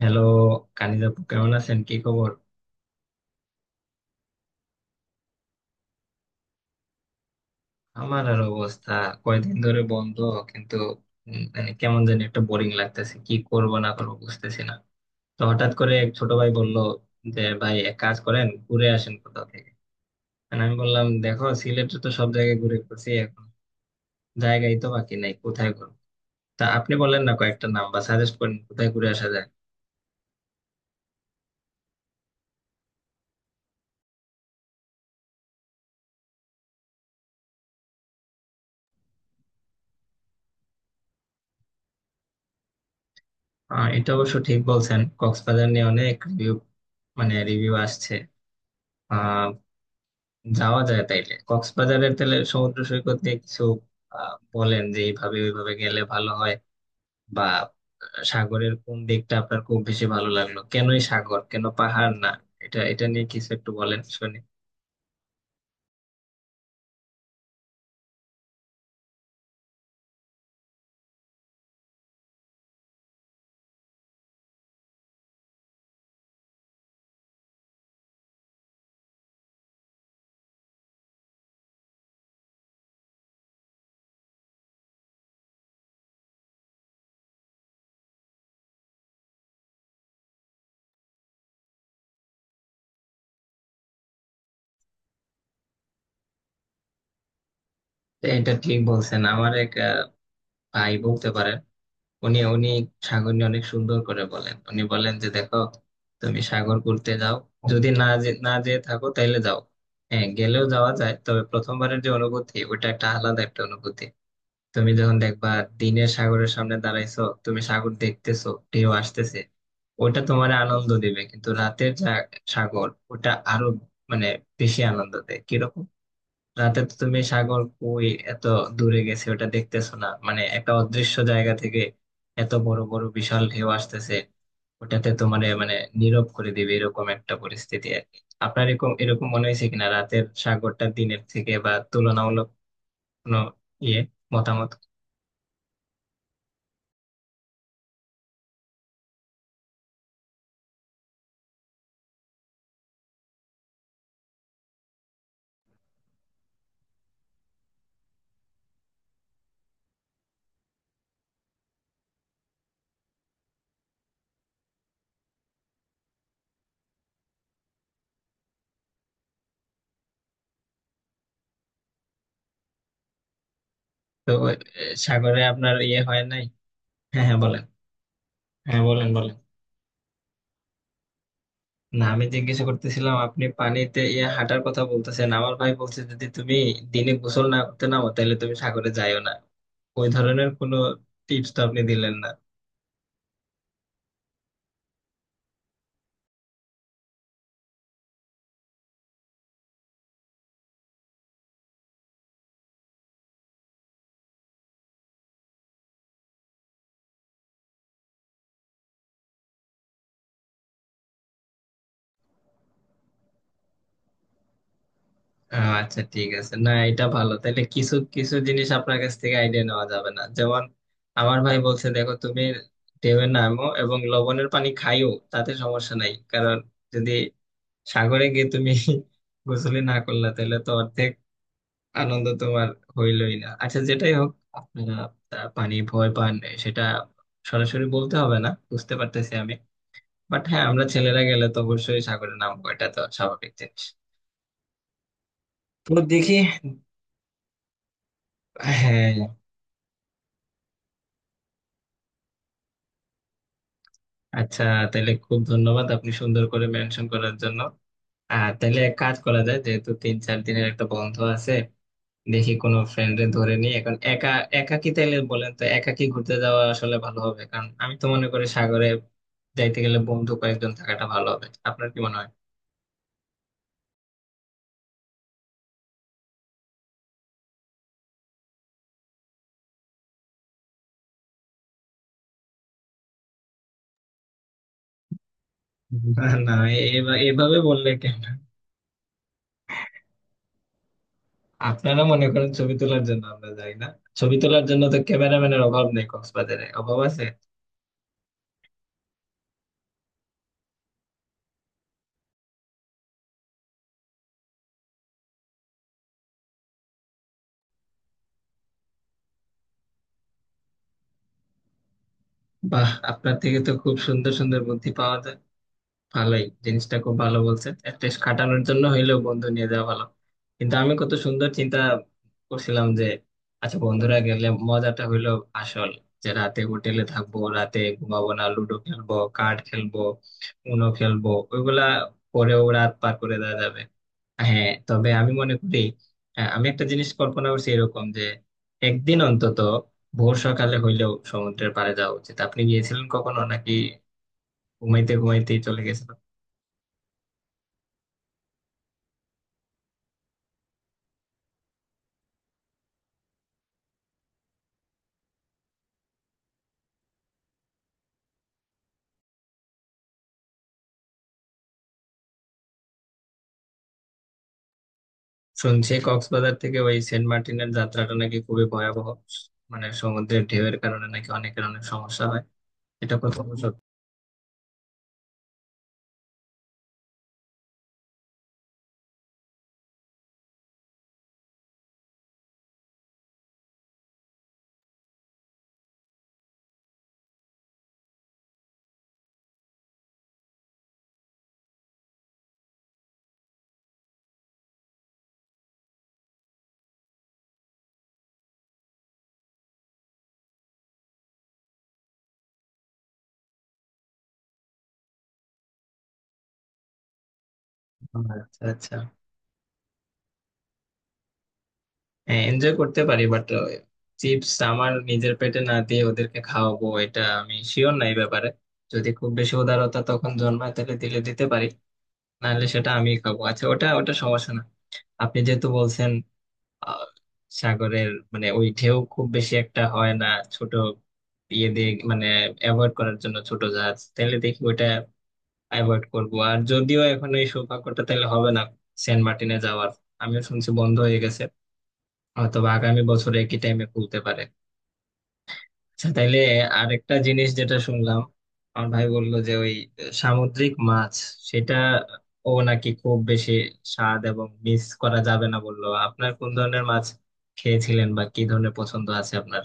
Hello. Kaniz আপু, কেমন আছেন? কি খবর? আমার আর অবস্থা, কয়দিন ধরে বন্ধ, কিন্তু মানে কেমন জানি একটা বোরিং লাগতেছে, কি করব না করবো বুঝতেছি না। তো হঠাৎ করে এক ছোট ভাই বলল যে, ভাই এক কাজ করেন, ঘুরে আসেন কোথাও থেকে। মানে আমি বললাম, দেখো সিলেটে তো সব জায়গায় ঘুরে ঘুরছি, এখন জায়গাই তো বাকি নাই, কোথায় ঘুরবো। তা আপনি বলেন না, কয়েকটা নাম বা সাজেস্ট করেন কোথায় ঘুরে আসা যায়। এটা অবশ্য ঠিক বলছেন, কক্সবাজার নিয়ে অনেক রিভিউ, মানে রিভিউ আসছে, যাওয়া যায় তাইলে। কক্সবাজারের তাহলে সমুদ্র সৈকত নিয়ে কিছু বলেন, যে এইভাবে ওইভাবে গেলে ভালো হয়। বা সাগরের কোন দিকটা আপনার খুব বেশি ভালো লাগলো, কেনই সাগর, কেন পাহাড় না, এটা এটা নিয়ে কিছু একটু বলেন শুনি। তো এটা ঠিক বলছেন, আমার এক ভাই বলতে পারেন, উনি উনি সাগর নিয়ে অনেক সুন্দর করে বলেন। উনি বলেন যে, দেখো তুমি সাগর ঘুরতে যাও, যদি না যেয়ে থাকো তাইলে যাও। হ্যাঁ গেলেও যাওয়া যায়, তবে প্রথমবারের যে অনুভূতি ওটা একটা আলাদা একটা অনুভূতি। তুমি যখন দেখবা দিনের সাগরের সামনে দাঁড়াইছো, তুমি সাগর দেখতেছো, ঢেউ আসতেছে, ওটা তোমার আনন্দ দিবে, কিন্তু রাতের যা সাগর ওটা আরো মানে বেশি আনন্দ দেয়। কিরকম? রাতে তো তুমি সাগর কই এত দূরে গেছে ওটা দেখতেছো না, মানে একটা অদৃশ্য জায়গা থেকে এত বড় বড় বিশাল ঢেউ আসতেছে, ওটাতে তোমার মানে নীরব করে দিবে, এরকম একটা পরিস্থিতি আর কি। আপনার এরকম এরকম মনে হয়েছে কিনা, রাতের সাগরটা দিনের থেকে বা তুলনামূলক কোনো ইয়ে মতামত? তো সাগরে আপনার ইয়ে হয় নাই? হ্যাঁ হ্যাঁ বলেন। হ্যাঁ বলেন বলেন। না আমি জিজ্ঞেস করতেছিলাম, আপনি পানিতে ইয়ে হাঁটার কথা বলতেছেন, আমার ভাই বলছে যদি তুমি দিনে গোসল না করতে নামো, তাহলে তুমি সাগরে যাইও না। ওই ধরনের কোনো টিপস তো আপনি দিলেন না। আচ্ছা ঠিক আছে, না এটা ভালো, তাহলে কিছু কিছু জিনিস আপনার কাছ থেকে আইডিয়া নেওয়া যাবে না, যেমন আমার ভাই বলছে, দেখো তুমি ঢেউয়ে নামো এবং লবণের পানি খাইও, তাতে সমস্যা নাই, কারণ যদি সাগরে গিয়ে তুমি গোসলই না করলা, তাহলে তো অর্ধেক আনন্দ তোমার হইলই না। আচ্ছা যেটাই হোক, আপনারা তা পানি ভয় পান এ, সেটা সরাসরি বলতে হবে না, বুঝতে পারতেছি আমি। বাট হ্যাঁ, আমরা ছেলেরা গেলে তো অবশ্যই সাগরে নামবো, এটা তো স্বাভাবিক জিনিস। তো দেখি। হ্যাঁ। আচ্ছা, তাহলে খুব ধন্যবাদ আপনি সুন্দর করে মেনশন করার জন্য। আর তাহলে এক কাজ করা যায়, যেহেতু তিন চার দিনের একটা বন্ধ আছে, দেখি কোনো ফ্রেন্ডে ধরে নিয়ে। এখন একা, একা কি, তাইলে বলেন তো, একা কি ঘুরতে যাওয়া আসলে ভালো হবে? কারণ আমি তো মনে করি সাগরে যাইতে গেলে বন্ধু কয়েকজন থাকাটা ভালো হবে, আপনার কি মনে হয়? না, এভাবে বললে কেন? আপনারা মনে করেন ছবি তোলার জন্য আমরা যাই না, ছবি তোলার জন্য তো ক্যামেরাম্যানের অভাব নেই কক্সবাজারে, অভাব আছে। বাহ, আপনার থেকে তো খুব সুন্দর সুন্দর বুদ্ধি পাওয়া যায়, ভালোই জিনিসটা খুব ভালো বলছে, একটা খাটানোর জন্য হইলেও বন্ধু নিয়ে যাওয়া ভালো। কিন্তু আমি কত সুন্দর চিন্তা করছিলাম যে, আচ্ছা বন্ধুরা গেলে মজাটা হইলো আসল, যে রাতে হোটেলে থাকবো, রাতে ঘুমাবো না, লুডো খেলবো, কার্ড খেলবো, উনো খেলবো, ওইগুলা পরেও রাত পার করে দেওয়া যাবে। হ্যাঁ তবে আমি মনে করি আমি একটা জিনিস কল্পনা করছি এরকম যে একদিন অন্তত ভোর সকালে হইলেও সমুদ্রের পাড়ে যাওয়া উচিত। আপনি গিয়েছিলেন কখনো নাকি ঘুমাইতে ঘুমাইতেই চলে গেছে? শুনছি কক্সবাজার থেকে ওই সেন্ট মার্টিনের যাত্রাটা নাকি খুবই ভয়াবহ, মানে সমুদ্রের ঢেউয়ের কারণে নাকি অনেকের অনেক সমস্যা হয়, এটা কত সত্যি? আচ্ছা আচ্ছা। হ্যাঁ, এনজয় করতে পারি, বাট চিপস আমার নিজের পেটে না দিয়ে ওদেরকে খাওয়াবো এটা আমি শিওর নাই ব্যাপারে। যদি খুব বেশি উদারতা তখন জন্মায়, তাহলে দিলে দিতে পারি, নাহলে সেটা আমিই খাবো। আচ্ছা ওটা ওটা সমস্যা না, আপনি যেহেতু বলছেন আহ, সাগরের মানে ওই ঢেউ খুব বেশি একটা হয় না ছোট ইয়ে দিয়ে, মানে অ্যাভয়েড করার জন্য ছোট জাহাজ, তাহলে দেখি ওইটা অ্যাভয়েড করব। আর যদিও এখন এই সৌভাগ্যটা তাহলে হবে না সেন্ট মার্টিনে যাওয়ার, আমিও শুনছি বন্ধ হয়ে গেছে, হয়তো বা আগামী বছরে একই টাইমে খুলতে পারে। আচ্ছা তাইলে আরেকটা জিনিস যেটা শুনলাম, আমার ভাই বললো যে ওই সামুদ্রিক মাছ, সেটা ও নাকি খুব বেশি স্বাদ এবং মিস করা যাবে না বললো। আপনার কোন ধরনের মাছ খেয়েছিলেন বা কি ধরনের পছন্দ আছে আপনার?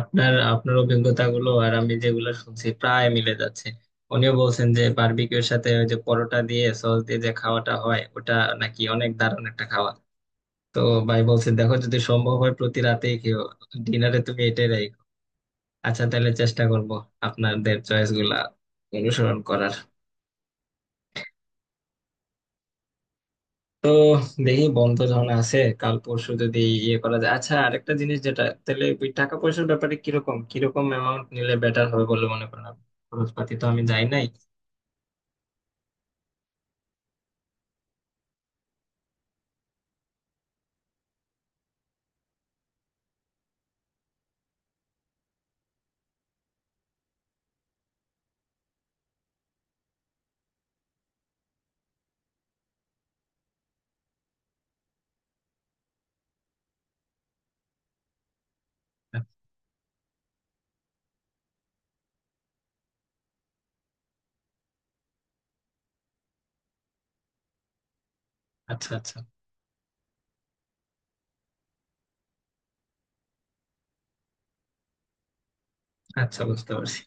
আপনার অভিজ্ঞতাগুলো আর আমি যেগুলো শুনছি প্রায় মিলে যাচ্ছে। উনিও বলছেন যে বারবিকিউর সাথে ওই যে পরোটা দিয়ে সস দিয়ে যে খাওয়াটা হয় ওটা নাকি অনেক দারুণ একটা খাওয়া। তো ভাই বলছে দেখো যদি সম্ভব হয় প্রতি রাতেই খেও ডিনারে তুমি। আচ্ছা তাহলে চেষ্টা করব আপনাদের চয়েস গুলা অনুসরণ করার। তো দেখি বন্ধ যখন আছে, কাল পরশু যদি ইয়ে করা যায়। আচ্ছা আরেকটা জিনিস, যেটা তাহলে ওই টাকা পয়সার ব্যাপারে, কিরকম কিরকম অ্যামাউন্ট নিলে বেটার হবে বলে মনে করেন আপনি? খরচপাতি, তো আমি যাই নাই। আচ্ছা আচ্ছা। আচ্ছা বুঝতে পারছি।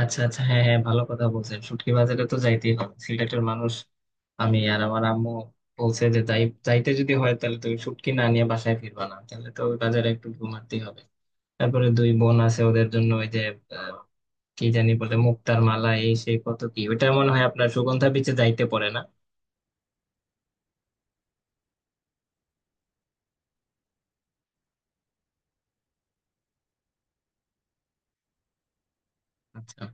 আচ্ছা আচ্ছা, হ্যাঁ হ্যাঁ, ভালো কথা বলছেন, শুটকি বাজারে তো যাইতেই হবে সিলেটের মানুষ আমি। আর আমার আম্মু বলছে যে যাই যাইতে যদি হয় তাহলে তুমি শুটকি না নিয়ে বাসায় ফিরবা না, তাহলে তো ওই বাজারে একটু ঘুমাতেই হবে। তারপরে দুই বোন আছে ওদের জন্য ওই যে আহ, কি জানি বলে মুক্তার মালা, এই সেই কত কি, ওটা মনে হয় আপনার সুগন্ধা বিচে যাইতে পারে না? আচ্ছা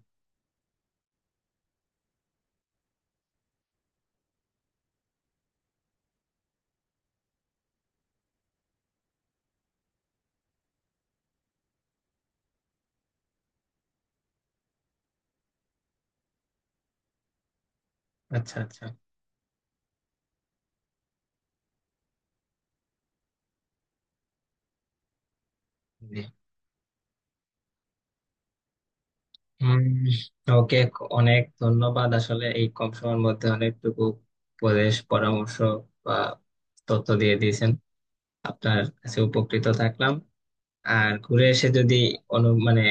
আচ্ছা। আচ্ছা। জি। উম, ওকে, অনেক ধন্যবাদ আসলে এই কম সময়ের মধ্যে অনেকটুকু উপদেশ, পরামর্শ বা তথ্য দিয়ে দিয়েছেন, আপনার কাছে উপকৃত থাকলাম। আর ঘুরে এসে যদি অনু মানে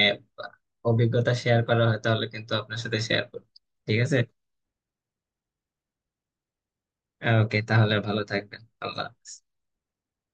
অভিজ্ঞতা শেয়ার করা হয় তাহলে কিন্তু আপনার সাথে শেয়ার করব। ঠিক আছে। ওকে তাহলে ভালো থাকবেন, আল্লাহ হাফেজ।